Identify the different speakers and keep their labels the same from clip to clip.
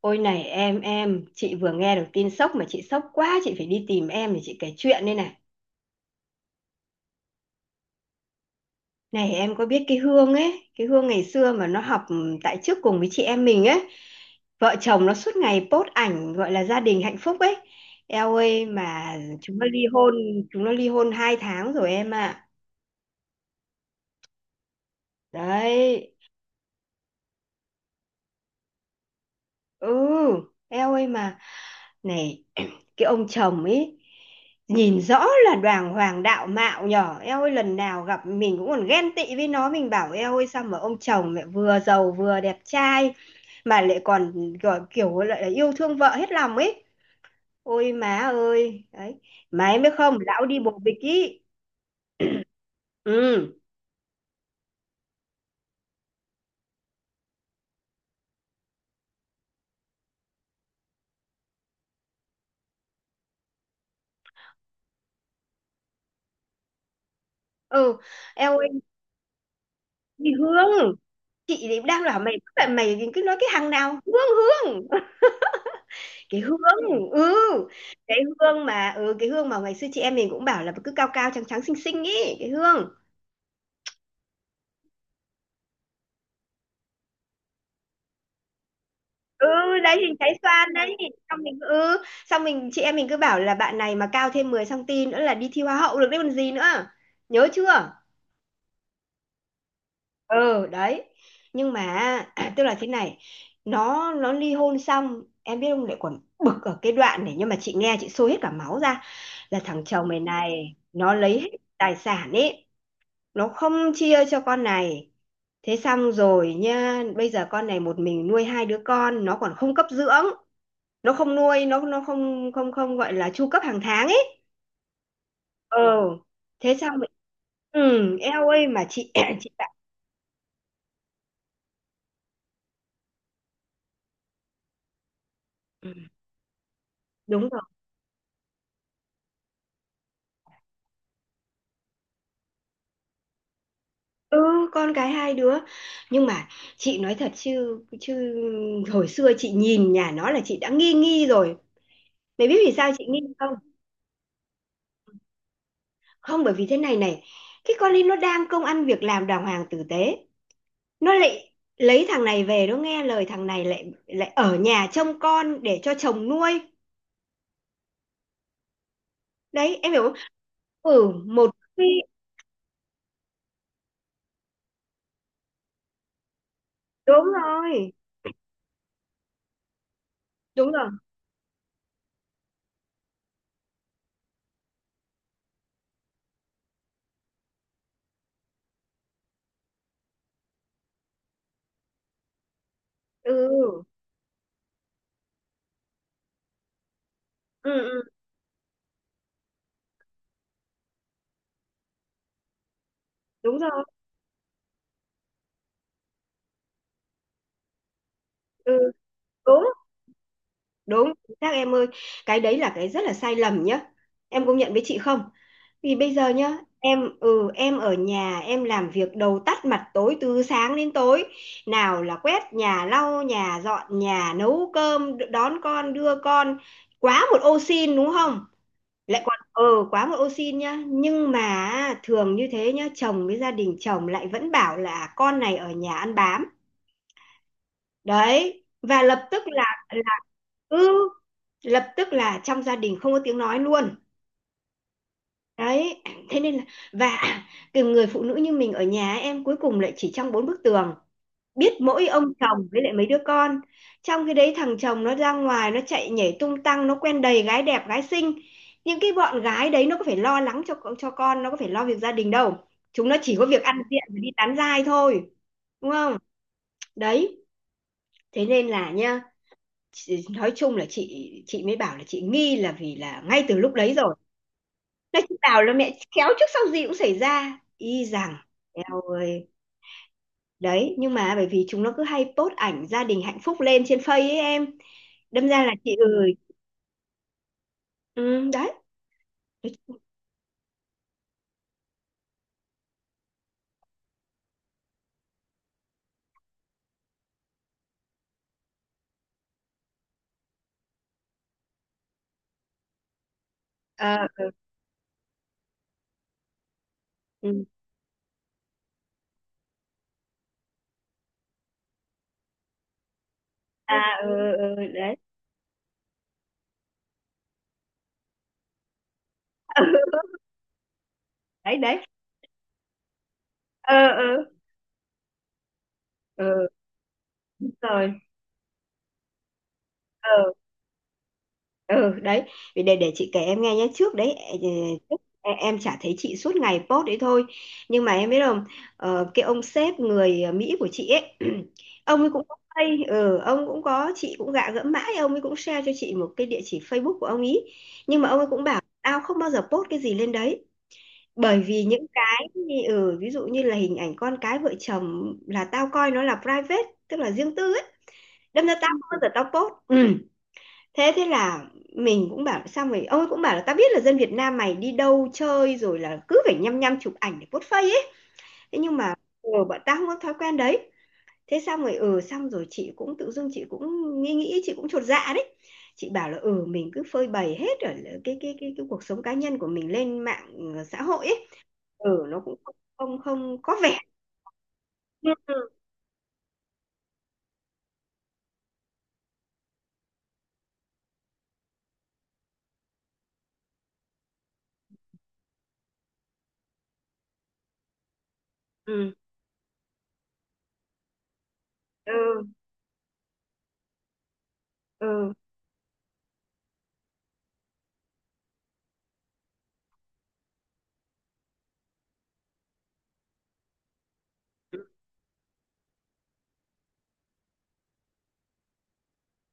Speaker 1: Ôi này em, chị vừa nghe được tin sốc mà chị sốc quá, chị phải đi tìm em để chị kể chuyện đây này. Này em có biết cái Hương ấy, cái Hương ngày xưa mà nó học tại trước cùng với chị em mình ấy, vợ chồng nó suốt ngày post ảnh gọi là gia đình hạnh phúc ấy. Eo ơi mà chúng nó ly hôn, chúng nó ly hôn 2 tháng rồi em ạ. Đấy, ừ, eo ơi mà này cái ông chồng ấy nhìn rõ là đoàn hoàng đạo mạo nhỏ, eo ơi lần nào gặp mình cũng còn ghen tị với nó, mình bảo eo ơi sao mà ông chồng lại vừa giàu vừa đẹp trai mà lại còn gọi kiểu lại là yêu thương vợ hết lòng ấy. Ôi má ơi đấy, má em biết không, lão đi bồ bịch ý. Ừ. Ừ, eo ơi. Đi Hương, chị thì đang bảo mày, lại mày cứ nói cái hàng nào Hương. Hương, cái hương. Ừ, cái hương mà cái hương mà ngày xưa chị em mình cũng bảo là cứ cao cao trắng trắng xinh xinh ý, cái hương. Ừ đấy, hình trái xoan đấy. Xong mình xong mình chị em mình cứ bảo là bạn này mà cao thêm 10 cm nữa là đi thi hoa hậu được đấy còn gì nữa, nhớ chưa? Ừ đấy, nhưng mà tức là thế này, nó ly hôn xong em biết không, lại còn bực ở cái đoạn này, nhưng mà chị nghe chị sôi hết cả máu ra là thằng chồng mày này nó lấy hết tài sản ấy, nó không chia cho con này. Thế xong rồi nha, bây giờ con này một mình nuôi hai đứa con, nó còn không cấp dưỡng, nó không nuôi, nó không không không gọi là chu cấp hàng tháng ấy. Ờ. Thế xong rồi, ừ, eo ơi mà chị chị bảo, "Ừ, đúng rồi. Ừ, con cái hai đứa. Nhưng mà chị nói thật chứ chứ hồi xưa chị nhìn nhà nó là chị đã nghi nghi rồi. Mày biết vì sao chị nghi không? Không, bởi vì thế này này, cái con ấy nó đang công ăn việc làm đàng hoàng tử tế, nó lại lấy thằng này về, nó nghe lời thằng này lại lại ở nhà trông con để cho chồng nuôi, đấy em hiểu không? Ừ một khi đúng rồi đúng rồi. Ừ, ừ, ừ đúng rồi. Ừ đúng. Đúng, chính xác em ơi. Cái đấy là cái rất là sai lầm nhá. Em công nhận với chị không? Vì bây giờ nhá, em em ở nhà em làm việc đầu tắt mặt tối từ sáng đến tối. Nào là quét nhà, lau nhà, dọn nhà, nấu cơm, đón con, đưa con. Quá một ô xin đúng không? Lại còn quá một ô xin nhá. Nhưng mà thường như thế nhá, chồng với gia đình chồng lại vẫn bảo là con này ở nhà ăn bám. Đấy, và lập tức là là ừ lập tức là trong gia đình không có tiếng nói luôn. Đấy, thế nên là, và cái người phụ nữ như mình ở nhà em cuối cùng lại chỉ trong bốn bức tường, biết mỗi ông chồng với lại mấy đứa con. Trong cái đấy thằng chồng nó ra ngoài nó chạy nhảy tung tăng, nó quen đầy gái đẹp gái xinh. Những cái bọn gái đấy nó có phải lo lắng cho con, nó có phải lo việc gia đình đâu, chúng nó chỉ có việc ăn diện và đi tán giai thôi, đúng không? Đấy, thế nên là nha, nói chung là chị mới bảo là chị nghi là vì là ngay từ lúc đấy rồi. Nói chị bảo là mẹ khéo trước sau gì cũng xảy ra y rằng, eo ơi. Đấy nhưng mà bởi vì chúng nó cứ hay post ảnh gia đình hạnh phúc lên trên Face ấy em, đâm ra là chị ơi. Ừ, đấy. Ờ, ừ. À ừ, ừ, đấy. đấy đấy. Ờ ừ, ừ. Ừ. Rồi. Ờ. Ừ đấy, vì để chị kể em nghe nhé. Trước đấy ờ, trước em chả thấy chị suốt ngày post đấy thôi, nhưng mà em biết không, ờ, cái ông sếp người Mỹ của chị ấy ông ấy cũng có pay, ừ, ông cũng có, chị cũng gạ gẫm mãi ông ấy cũng share cho chị một cái địa chỉ Facebook của ông ấy, nhưng mà ông ấy cũng bảo tao không bao giờ post cái gì lên đấy, bởi vì những cái ừ, ví dụ như là hình ảnh con cái vợ chồng là tao coi nó là private, tức là riêng tư ấy, đâm ra tao không bao giờ post. Ừ, thế thế là mình cũng bảo, xong rồi ông ấy cũng bảo là ta biết là dân Việt Nam mày đi đâu chơi rồi là cứ phải nhăm nhăm chụp ảnh để post face ấy, thế nhưng mà ừ, bọn ta không có thói quen đấy. Thế xong rồi xong rồi chị cũng tự dưng chị cũng nghĩ, chị cũng chột dạ đấy. Chị bảo là ừ mình cứ phơi bày hết ở cái cuộc sống cá nhân của mình lên mạng, ừ, xã hội ấy, ừ nó cũng không không, không có vẻ. Ừ. Ừ. Ừ.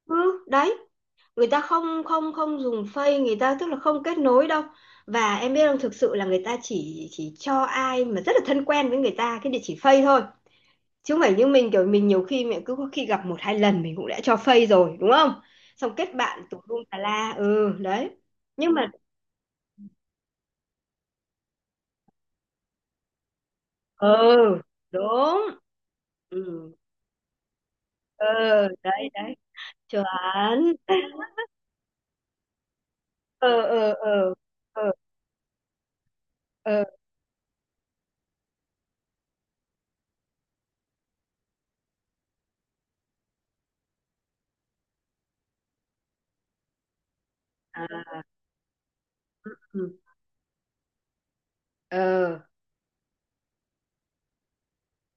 Speaker 1: Ừ đấy, người ta không không không dùng Face, người ta tức là không kết nối đâu. Và em biết không, thực sự là người ta chỉ cho ai mà rất là thân quen với người ta cái địa chỉ Face thôi, chứ không phải như mình kiểu mình nhiều khi mình cứ có khi gặp một hai lần mình cũng đã cho Face rồi đúng không, xong kết bạn tùm lum tà la, ừ đấy. Nhưng mà ừ đúng, ừ, ừ đấy đấy chuẩn. ờ ờ ờ ờ ờ, à, ừ, ờ,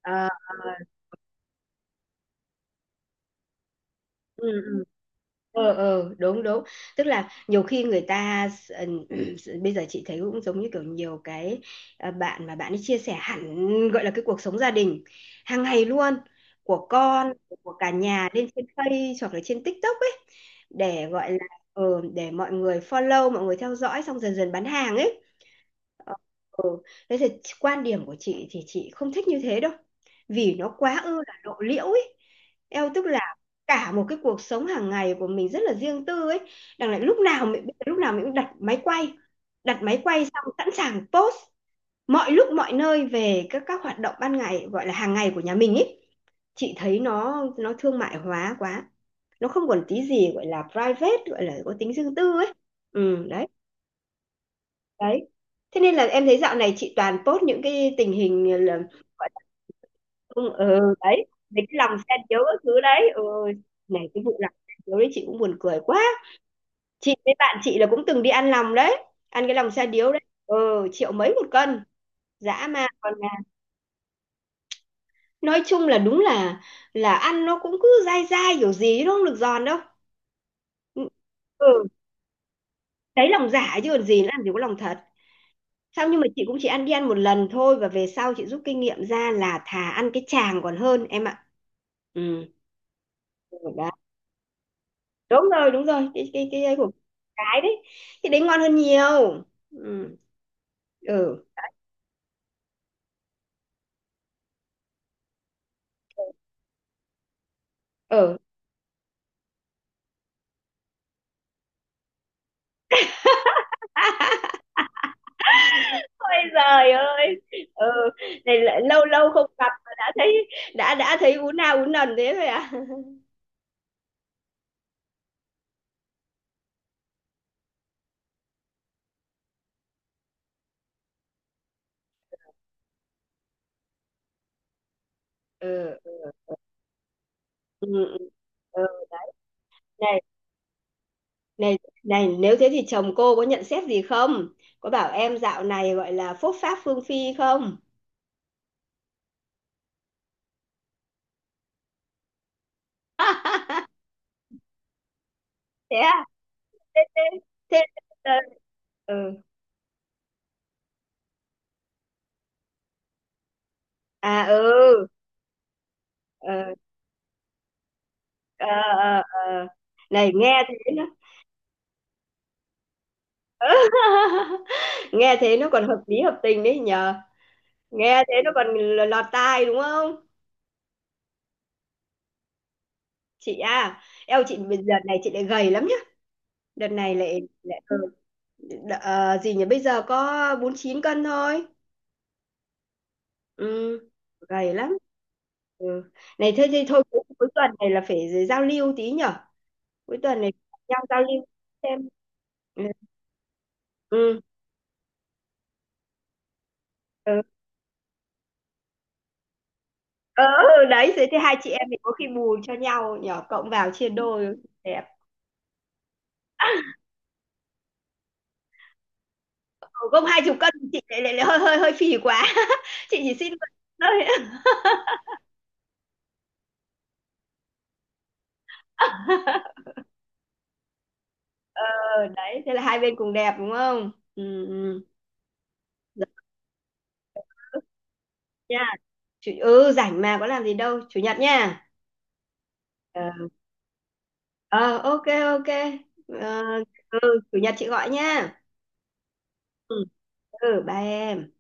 Speaker 1: à, à, ừ, ừ. Ờ ờ đúng đúng, tức là nhiều khi người ta ừ, bây giờ chị thấy cũng giống như kiểu nhiều cái à, bạn mà bạn ấy chia sẻ hẳn gọi là cái cuộc sống gia đình hàng ngày luôn của con, của cả nhà lên trên Face hoặc là trên TikTok ấy, để gọi là ừ, để mọi người follow, mọi người theo dõi xong dần dần bán hàng ấy. Ờ, ừ. Thế thì quan điểm của chị thì chị không thích như thế đâu. Vì nó quá ư là lộ liễu ấy. Eo tức là cả một cái cuộc sống hàng ngày của mình rất là riêng tư ấy. Đằng lại lúc nào mình cũng đặt máy quay xong sẵn sàng post mọi lúc mọi nơi về các hoạt động ban ngày gọi là hàng ngày của nhà mình ấy. Chị thấy nó thương mại hóa quá. Nó không còn tí gì gọi là private, gọi là có tính riêng tư ấy. Ừ đấy đấy, thế nên là em thấy dạo này chị toàn post những cái tình hình ờ, là gọi là không, ừ, đấy về cái lòng xe điếu các thứ đấy, ừ. Này cái vụ lòng xe điếu đấy chị cũng buồn cười quá. Chị với bạn chị là cũng từng đi ăn lòng đấy, ăn cái lòng xe điếu đấy, ừ, triệu mấy một cân, dã man còn là, nói chung là đúng là ăn nó cũng cứ dai dai kiểu gì chứ nó không được giòn đâu. Ừ đấy, lòng giả chứ còn gì, nó làm gì có lòng thật. Không nhưng mà chị cũng chỉ ăn ăn một lần thôi, và về sau chị rút kinh nghiệm ra là thà ăn cái chàng còn hơn em ạ. Ừ. Rồi. Đấy. Đúng rồi, cái ấy của cái đấy. Thì đấy ngon hơn nhiều. Ừ. Ừ. Ừ. Ôi giời ơi. Ừ. Này lại lâu lâu không gặp mà đã thấy, đã thấy ú na ú nần thế rồi à. Ừ. Ừ. Ừ. Ừ. Này, này, này, nếu thế thì chồng cô có nhận xét gì không? Có bảo em dạo này gọi là phốt pháp phương phi không? thế à? Thế thế thế- ờ, ừ. À ừ. Ờ ờ ờ ờ. Này nghe thế nó, nghe thế nó còn hợp lý hợp tình đấy nhờ, nghe thế nó còn lọt tai đúng không? Chị à? Eo chị đợt này chị lại gầy lắm nhá. Đợt này lại lại ừ, gì nhỉ, bây giờ có 49 cân thôi. Ừ, gầy lắm. Ừ. Này thế thì thôi cuối tuần này là phải giao lưu tí nhở. Cuối tuần này nhau giao lưu xem. Ừ. Ừ. Ừ. Ờ, ừ, đấy thế thì hai chị em mình có khi bù cho nhau nhỏ cộng vào chia đôi đẹp. Ừ, không 20 cân thì chị lại hơi hơi hơi phì quá. chị chỉ xin một thôi. ờ, đấy thế là hai bên cùng đẹp đúng không? Ừ ừ. Dạ nha. Ừ rảnh mà có làm gì đâu chủ nhật nha. Ờ. Ờ, ok ok. Ờ, ừ chủ nhật chị gọi nha. Ừ. Ừ bye em.